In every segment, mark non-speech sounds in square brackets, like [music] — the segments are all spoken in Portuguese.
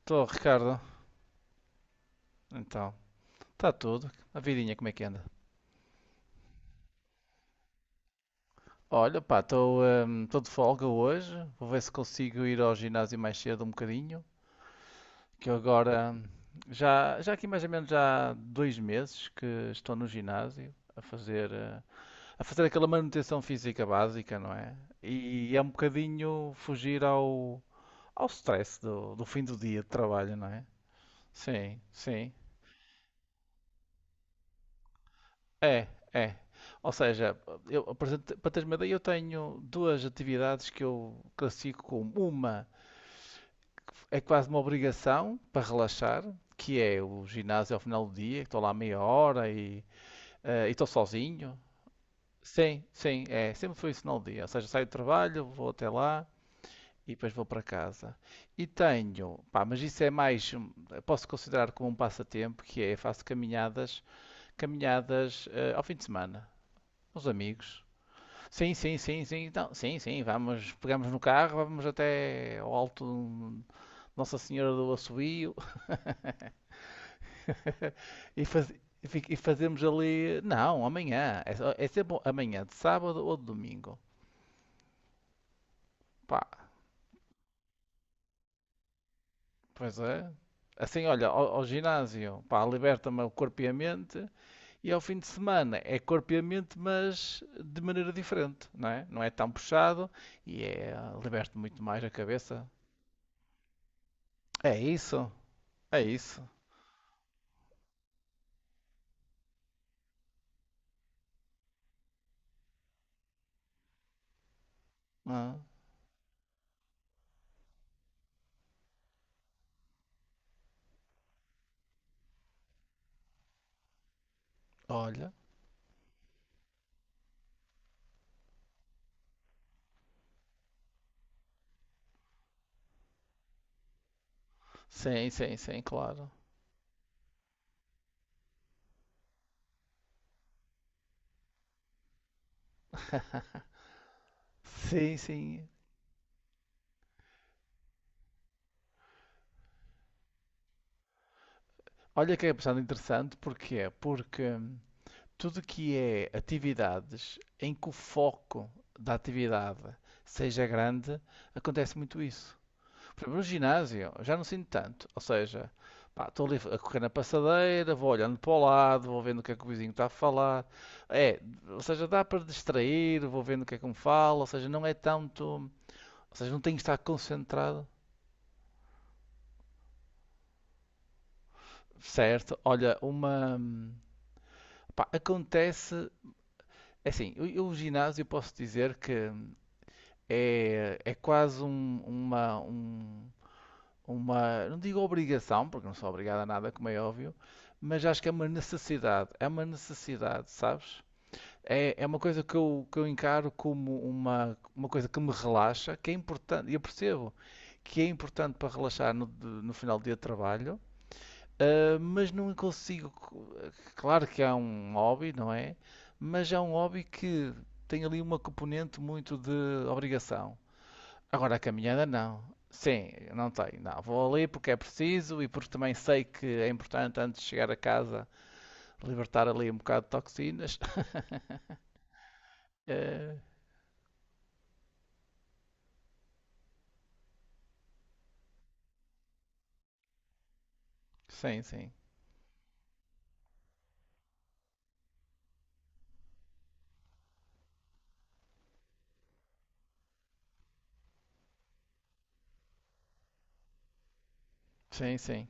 Estou, Ricardo. Então, está tudo. A vidinha, como é que anda? Olha, pá, estou tô de folga hoje. Vou ver se consigo ir ao ginásio mais cedo um bocadinho. Que eu agora, já aqui mais ou menos já há 2 meses que estou no ginásio a fazer aquela manutenção física básica, não é? E é um bocadinho fugir ao stress do fim do dia de trabalho, não é? Sim, sim. É, é. Ou seja, eu, por exemplo, para teres uma ideia, eu tenho duas atividades que eu classifico como uma é quase uma obrigação para relaxar, que é o ginásio ao final do dia, que estou lá meia hora e estou sozinho. Sim, sim, é. Sempre foi isso no dia. Ou seja, saio do trabalho, vou até lá e depois vou para casa. E tenho, pá, mas isso é mais, posso considerar como um passatempo, que é faço caminhadas, ao fim de semana, com os amigos. Sim, sim, sim, sim. Então sim, sim, vamos, pegamos no carro, vamos até ao alto do Nossa Senhora do Assobio [laughs] e, faz- e fazemos ali. Não, amanhã. É, é sempre amanhã, de sábado ou de domingo. Pá, pois é. Assim, olha, ao ginásio, pá, liberta-me o corpo e a mente, e ao fim de semana é corpo e a mente, mas de maneira diferente, não é? Não é tão puxado e é, liberta muito mais a cabeça. É isso, é isso. Ah, olha. Sim, sim, sim, claro. Sim, sim. Olha que é bastante interessante, porquê? Porque tudo que é atividades em que o foco da atividade seja grande, acontece muito isso. Por exemplo, no ginásio, eu já não sinto tanto. Ou seja, pá, estou ali a correr na passadeira, vou olhando para o lado, vou vendo o que é que o vizinho está a falar. É, ou seja, dá para distrair, vou vendo o que é que me fala, ou seja, não é tanto. Ou seja, não tenho que estar concentrado. Certo, olha, uma. Pá, acontece. É assim, o ginásio eu posso dizer que é quase uma. Não digo obrigação, porque não sou obrigado a nada, como é óbvio, mas acho que é uma necessidade. É uma necessidade, sabes? É uma coisa que eu encaro como uma coisa que me relaxa, que é importante, e eu percebo que é importante para relaxar no final do dia de trabalho. Ah, mas não consigo. Claro que há um hobby, não é? Mas é um hobby que tem ali uma componente muito de obrigação. Agora a caminhada não. Sim, não tem. Não, vou ali porque é preciso e porque também sei que é importante antes de chegar a casa libertar ali um bocado de toxinas. [laughs] Eh, sim, sim. Sim, sim.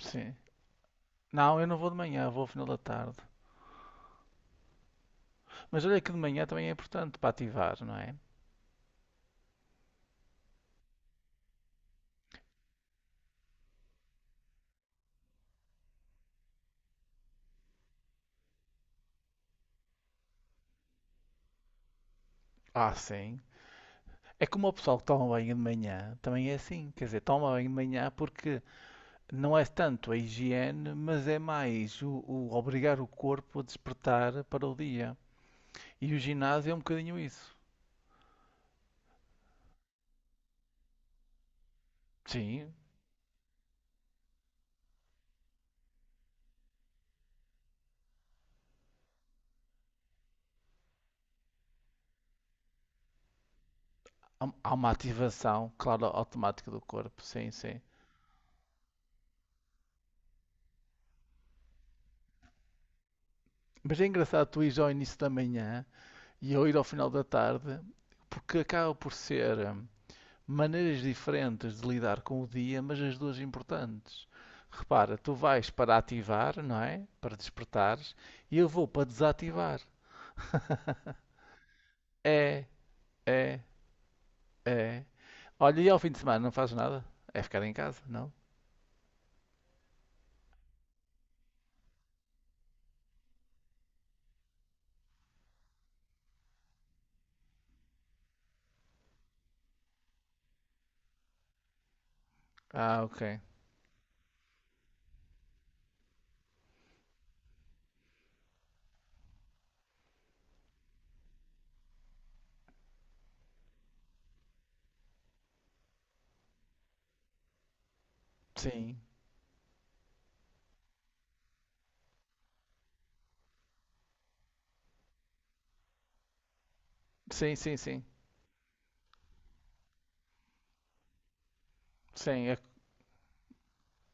Sim. Não, eu não vou de manhã, vou ao final da tarde. Mas olha que de manhã também é importante para ativar, não é? Ah, sim. É como o pessoal que toma banho de manhã também é assim, quer dizer, toma banho de manhã porque não é tanto a higiene, mas é mais o obrigar o corpo a despertar para o dia. E o ginásio é um bocadinho isso. Sim, há uma ativação, claro, automática do corpo, sim, sim. Mas é engraçado tu ires ao início da manhã e eu ir ao final da tarde, porque acaba por ser, maneiras diferentes de lidar com o dia, mas as duas importantes. Repara, tu vais para ativar, não é? Para despertares, e eu vou para desativar. É, é, é. Olha, e ao fim de semana não fazes nada? É ficar em casa, não? Ah, ok. Sim, sim, sim, sim. Sim,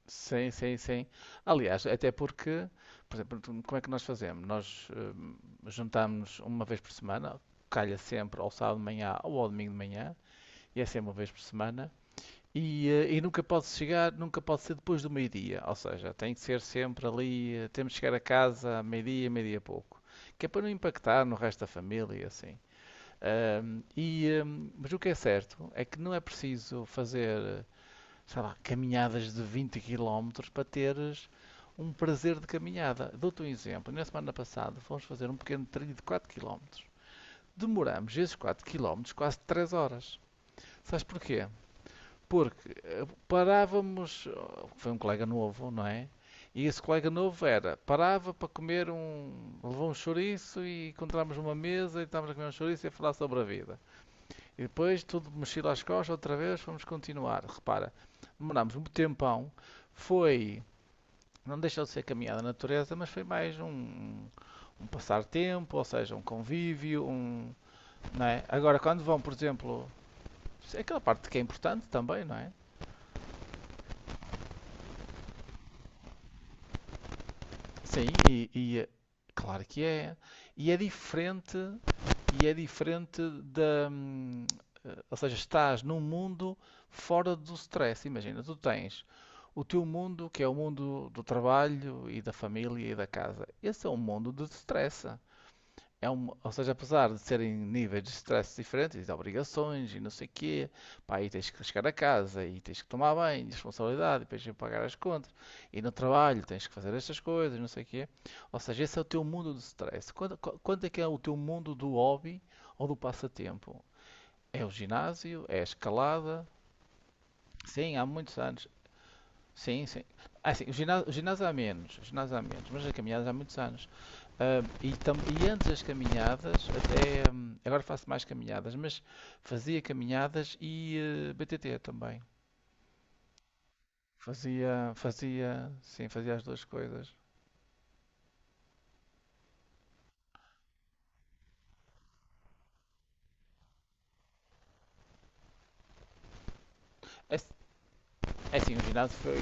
sim, sim, sim. Aliás, até porque, por exemplo, como é que nós fazemos? Nós juntamos uma vez por semana, calha sempre ao sábado de manhã ou ao domingo de manhã, e é sempre uma vez por semana. E nunca pode chegar, nunca pode ser depois do meio-dia, ou seja, tem que ser sempre ali, temos que chegar a casa a meio-dia, meio-dia e pouco, que é para não impactar no resto da família, e assim. E, mas o que é certo é que não é preciso fazer, sei lá, caminhadas de 20 quilómetros para teres um prazer de caminhada. Dou-te um exemplo, na semana passada fomos fazer um pequeno trilho de 4 quilómetros. Demoramos esses 4 quilómetros quase 3 horas. Sabes porquê? Porque parávamos, oh, foi um colega novo, não é? E esse colega novo era, parava para comer um, levou um chouriço e encontramos uma mesa e estávamos a comer um chouriço e a falar sobre a vida. E depois tudo mexido às costas outra vez, fomos continuar. Repara, demorámos um tempão, foi, não deixou de ser caminhada na natureza, mas foi mais um passar tempo, ou seja, um convívio, um, não é? Agora quando vão, por exemplo, é aquela parte que é importante também, não é? Sim, e claro que é. E é diferente, e é diferente da, ou seja, estás num mundo fora do stress. Imagina, tu tens o teu mundo, que é o mundo do trabalho e da família e da casa. Esse é um mundo de stress. É um, ou seja, apesar de serem níveis de stress diferentes, de obrigações e não sei o quê, pá, aí tens que chegar a casa, e tens que tomar banho, responsabilidade, depois tens que pagar as contas, e no trabalho tens que fazer estas coisas, não sei o quê. Ou seja, esse é o teu mundo do stress. Quanto é que é o teu mundo do hobby ou do passatempo? É o ginásio? É a escalada? Sim, há muitos anos. Sim, sim. Ah, sim, o ginásio há menos, o ginásio há menos, mas as caminhadas há muitos anos. Ah, e antes das caminhadas, até agora faço mais caminhadas, mas fazia caminhadas e BTT também. Fazia, sim, fazia as duas coisas. É, é assim, o ginásio foi.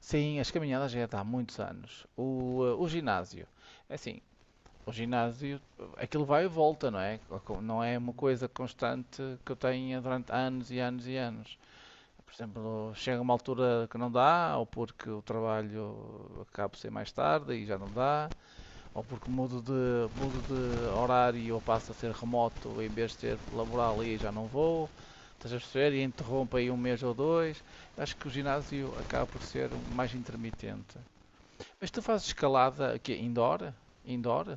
Sim, as caminhadas já é de há muitos anos. O ginásio, é assim, o ginásio, aquilo vai e volta, não é? Não é uma coisa constante que eu tenha durante anos e anos e anos. Por exemplo, chega uma altura que não dá, ou porque o trabalho acaba por ser mais tarde e já não dá, ou porque mudo de horário ou passo a ser remoto em vez de ser laboral e já não vou. Estás a perceber? E interrompe aí um mês ou dois. Acho que o ginásio acaba por ser um mais intermitente. Mas tu fazes escalada aqui indoor? Indoor?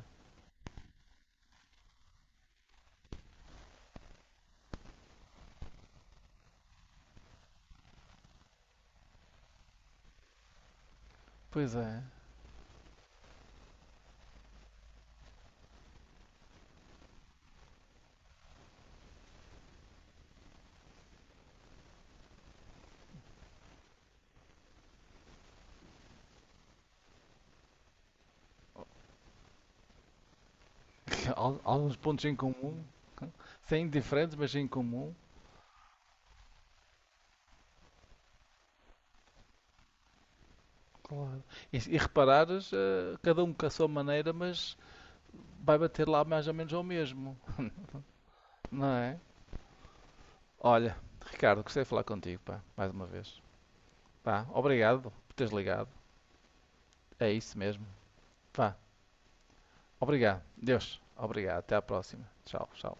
Pois é. Alguns pontos em comum. Sem diferentes, mas em comum. Claro. E, se- e reparares, cada um com a sua maneira, mas vai bater lá mais ou menos ao mesmo, não é? Olha, Ricardo, gostei de falar contigo, pá, mais uma vez. Pá, obrigado por teres ligado. É isso mesmo. Pá, obrigado. Deus, obrigado. Até à próxima. Tchau, tchau.